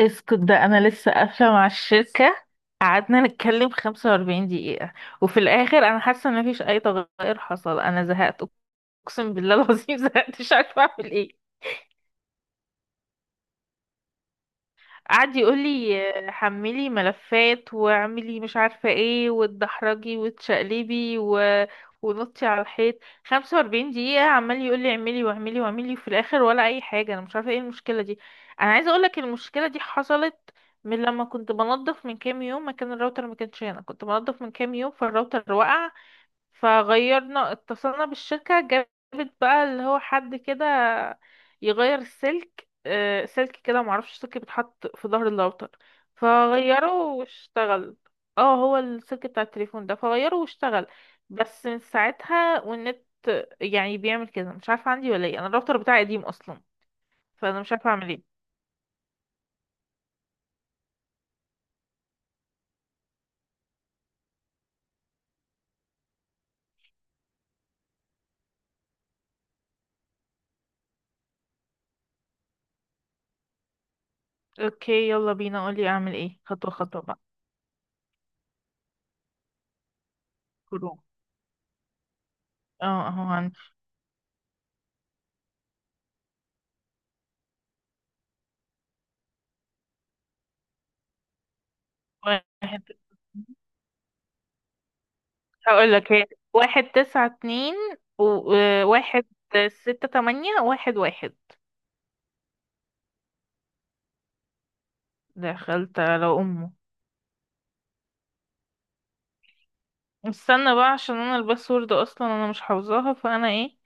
اسكت ده انا لسه قافله مع الشركه. قعدنا نتكلم 45 دقيقه، وفي الاخر انا حاسه ان مفيش اي تغير حصل. انا زهقت، اقسم بالله العظيم. زهقت مش عارفه اعمل ايه. قعد يقول لي حملي ملفات واعملي مش عارفه ايه وتدحرجي وتشقلبي ونطي على الحيط. 45 دقيقه عمال يقول لي اعملي واعملي واعملي، وفي الاخر ولا اي حاجه. انا مش عارفه ايه المشكله دي. انا عايزه اقول لك المشكله دي حصلت من لما كنت بنظف من كام يوم. مكان الراوتر ما كانش هنا، كنت بنظف من كام يوم فالراوتر وقع. فغيرنا، اتصلنا بالشركة، جابت بقى اللي هو حد كده يغير السلك. سلك كده، معرفش، سلك بيتحط في ظهر الراوتر فغيره واشتغل. اه، هو السلك بتاع التليفون ده، فغيره واشتغل. بس من ساعتها والنت يعني بيعمل كده. مش عارفة عندي ولا ايه، انا الراوتر بتاعي قديم اصلا. فانا مش عارفة اعمل ايه. اوكي، يلا بينا، قولي اعمل ايه خطوة خطوة بقى. كروم، اه اهو عندي. واحد، هقول لك هي، واحد تسعة اتنين وواحد ستة تمانية واحد واحد. دخلت على أمه. استنى بقى، عشان أنا الباسورد أصلا أنا مش حافظاها، فأنا ايه،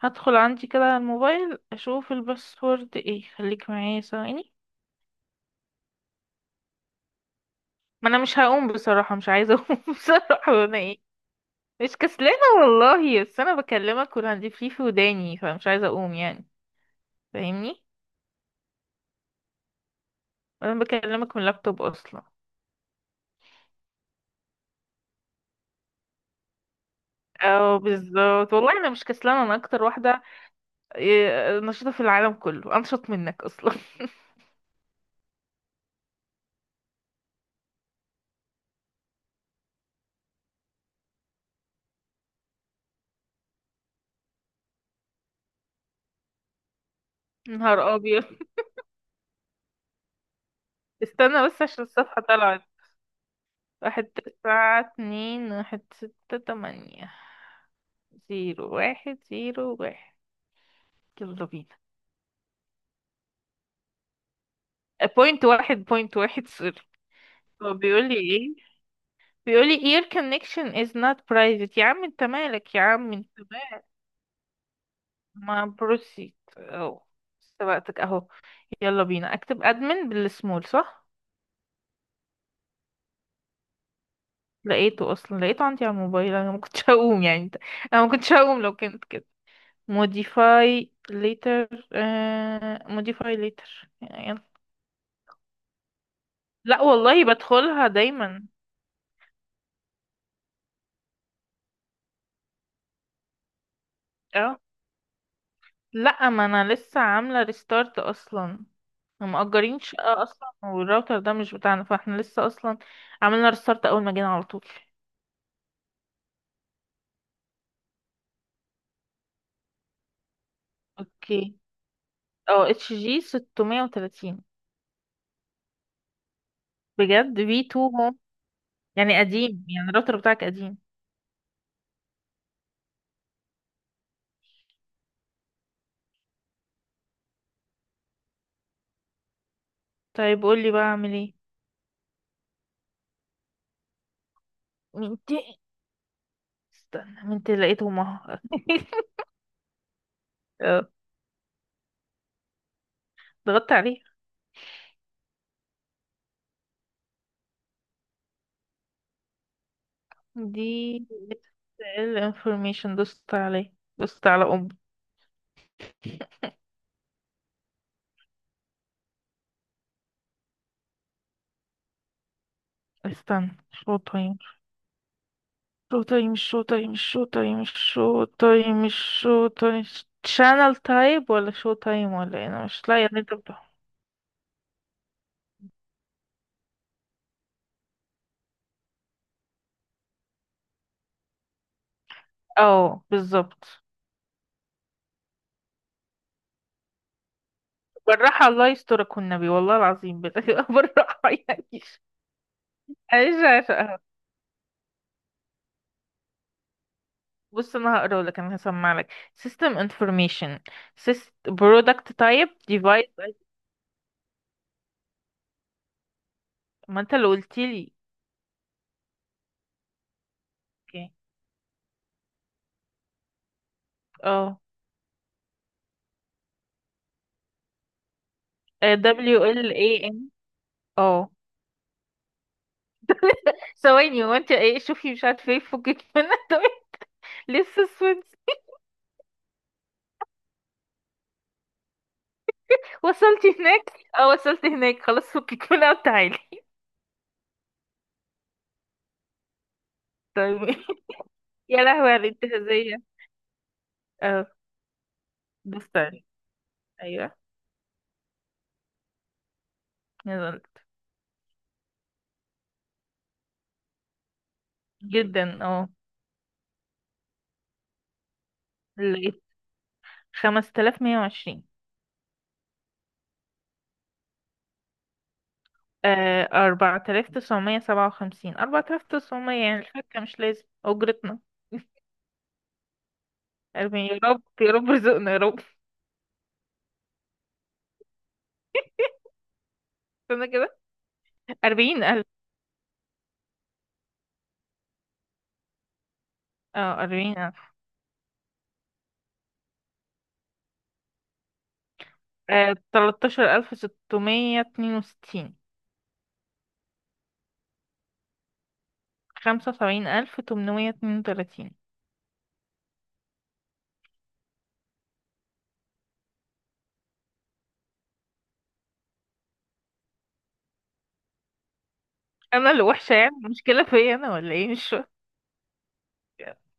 هدخل عندي كده على الموبايل أشوف الباسورد ايه. خليك معايا ثواني. ما أنا مش هقوم بصراحة، مش عايزة أقوم. بصراحة أنا ايه، مش كسلانة والله، بس أنا بكلمك والهاند فري في وداني، فمش عايزة أقوم يعني. فاهمني، أنا بكلمك من اللابتوب أصلا. اه بالظبط، والله انا مش كسلانه، انا اكتر واحده، نشيطه في العالم، كله انشط منك اصلا. نهار ابيض. استنى بس عشان الصفحه طلعت. واحد تسعة اتنين واحد ستة تمانية زيرو واحد زيرو واحد. يلا بينا. بوينت واحد بوينت واحد صفر. هو بيقول لي ايه؟ بيقول لي your connection is not private. يا عم انت مالك، يا عم انت مالك. ما بروسيت اهو، سبقتك اهو. يلا بينا. اكتب admin بالسمول صح؟ لقيته اصلا، لقيته عندي على الموبايل. انا ما كنتش هقوم يعني. انا ما كنتش هقوم لو كانت كده. modify later. Modify later يعني. لا والله بدخلها دايما. اه. لا، ما انا لسه عامله ريستارت اصلا. هم مأجرين شقه اصلا، والراوتر ده مش بتاعنا، فاحنا لسه اصلا عملنا ريستارت اول ما جينا على طول. اوكي. اه، اتش جي 630. بجد في 2 هوم. يعني قديم، يعني الراوتر بتاعك قديم. طيب قولي بقى اعمل ايه. استنى، من انت لقيتهم اهو. اه، ضغطت عليه. دي ال information، دوست عليه دوست على ام. استنى. شو تايم شو تايم شو تايم شو تايم شو تايم شو تايم. شانل تايب ولا شو تايم ولا إيه؟ انا مش لاقيه اللي انت بتقوله. اه بالظبط. بالراحه الله يسترك والنبي والله العظيم بالراحه يعني. عايزه، بص انا هقرا لك انا هسمع لك. system information. Product type device. ما انت اللي قلت لي. اوكي. اه، W L A M. اه. ثواني، وانت ايه، شوفي مش عارفه ايه فكك منها. طب لسه سويت. وصلت هناك. اه وصلت هناك، خلاص فكك منها وتعالي. طيب. يا لهوي على الانتهازية. اه. بس تاني. ايوه. نزلت. جدا اه. لقيت 5120. أربعة آلاف تسعمية سبعة وخمسين، أربعة آلاف تسعمية، يعني الفكة مش لازم أجرتنا. أربعين، يا رب يا رب رزقنا يا رب. استنى كده. أربعين ألف. اه أربعين ألف. تلاتاشر ألف ستمية اتنين وستين. خمسة وسبعين ألف تمنمية اتنين وتلاتين. أنا اللي وحشة يعني، المشكلة فيا أنا ولا إيه، مش فاهمة.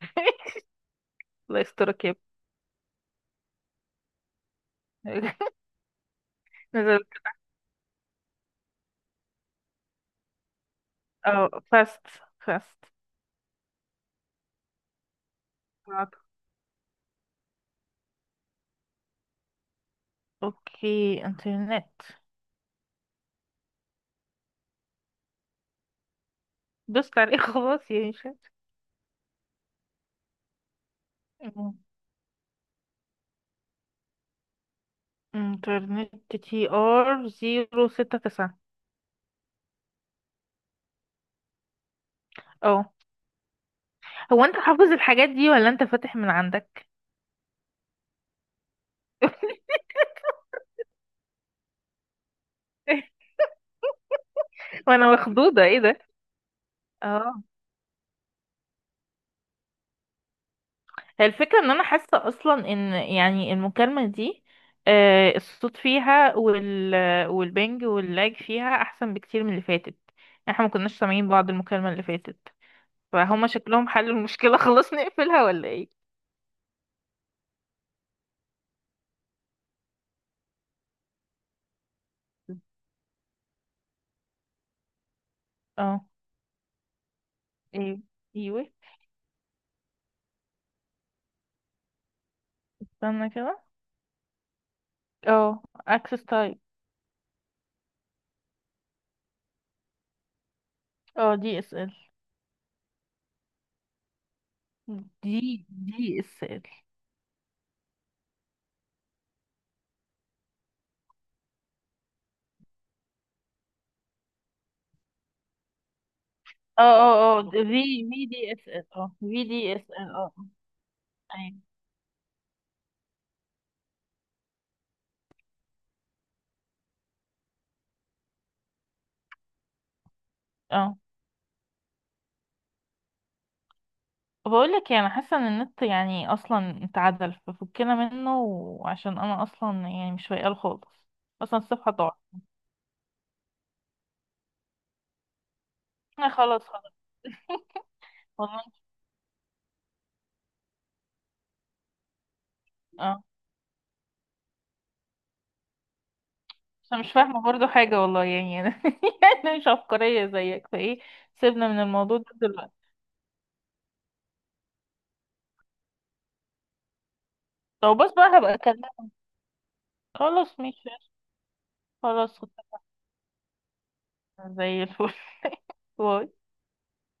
الله يسترك يا ابني. نزلت. اه فاست. فاست. اوكي، انترنت. دوست عليه. خلاص يا هشام. انترنت تي ار زيرو ستة تسعة. اه. هو انت حافظ الحاجات دي ولا انت فاتح من عندك؟ وانا مخضوضة ايه ده. اه. هي الفكرة ان انا حاسة اصلا ان يعني المكالمة دي الصوت فيها والبنج واللاج فيها احسن بكتير من اللي فاتت. يعني احنا ما كناش سامعين بعض المكالمة اللي فاتت. فهما شكلهم حلوا المشكلة. خلاص نقفلها ولا ايه؟ اه. ايه. ايوه. استنى كده. اه. access type. اه دي اس ال. دي دي اس ال. اه اه في في دي اس ال، اه في دي اس ال، اه. ايوه. اه بقول لك انا حاسه ان النت يعني اصلا اتعدل، ففكنا منه، وعشان انا اصلا يعني مش فايقه خالص. اصلا الصفحه ضاعت. انا خلاص خلاص. والله. اه، عشان مش فاهمه برضو حاجه والله يعني انا يعني مش عبقريه زيك فايه. سيبنا من الموضوع ده دلوقتي. طب بس بقى هبقى اكلمك. خلاص ماشي. خلاص، زي الفل. باي.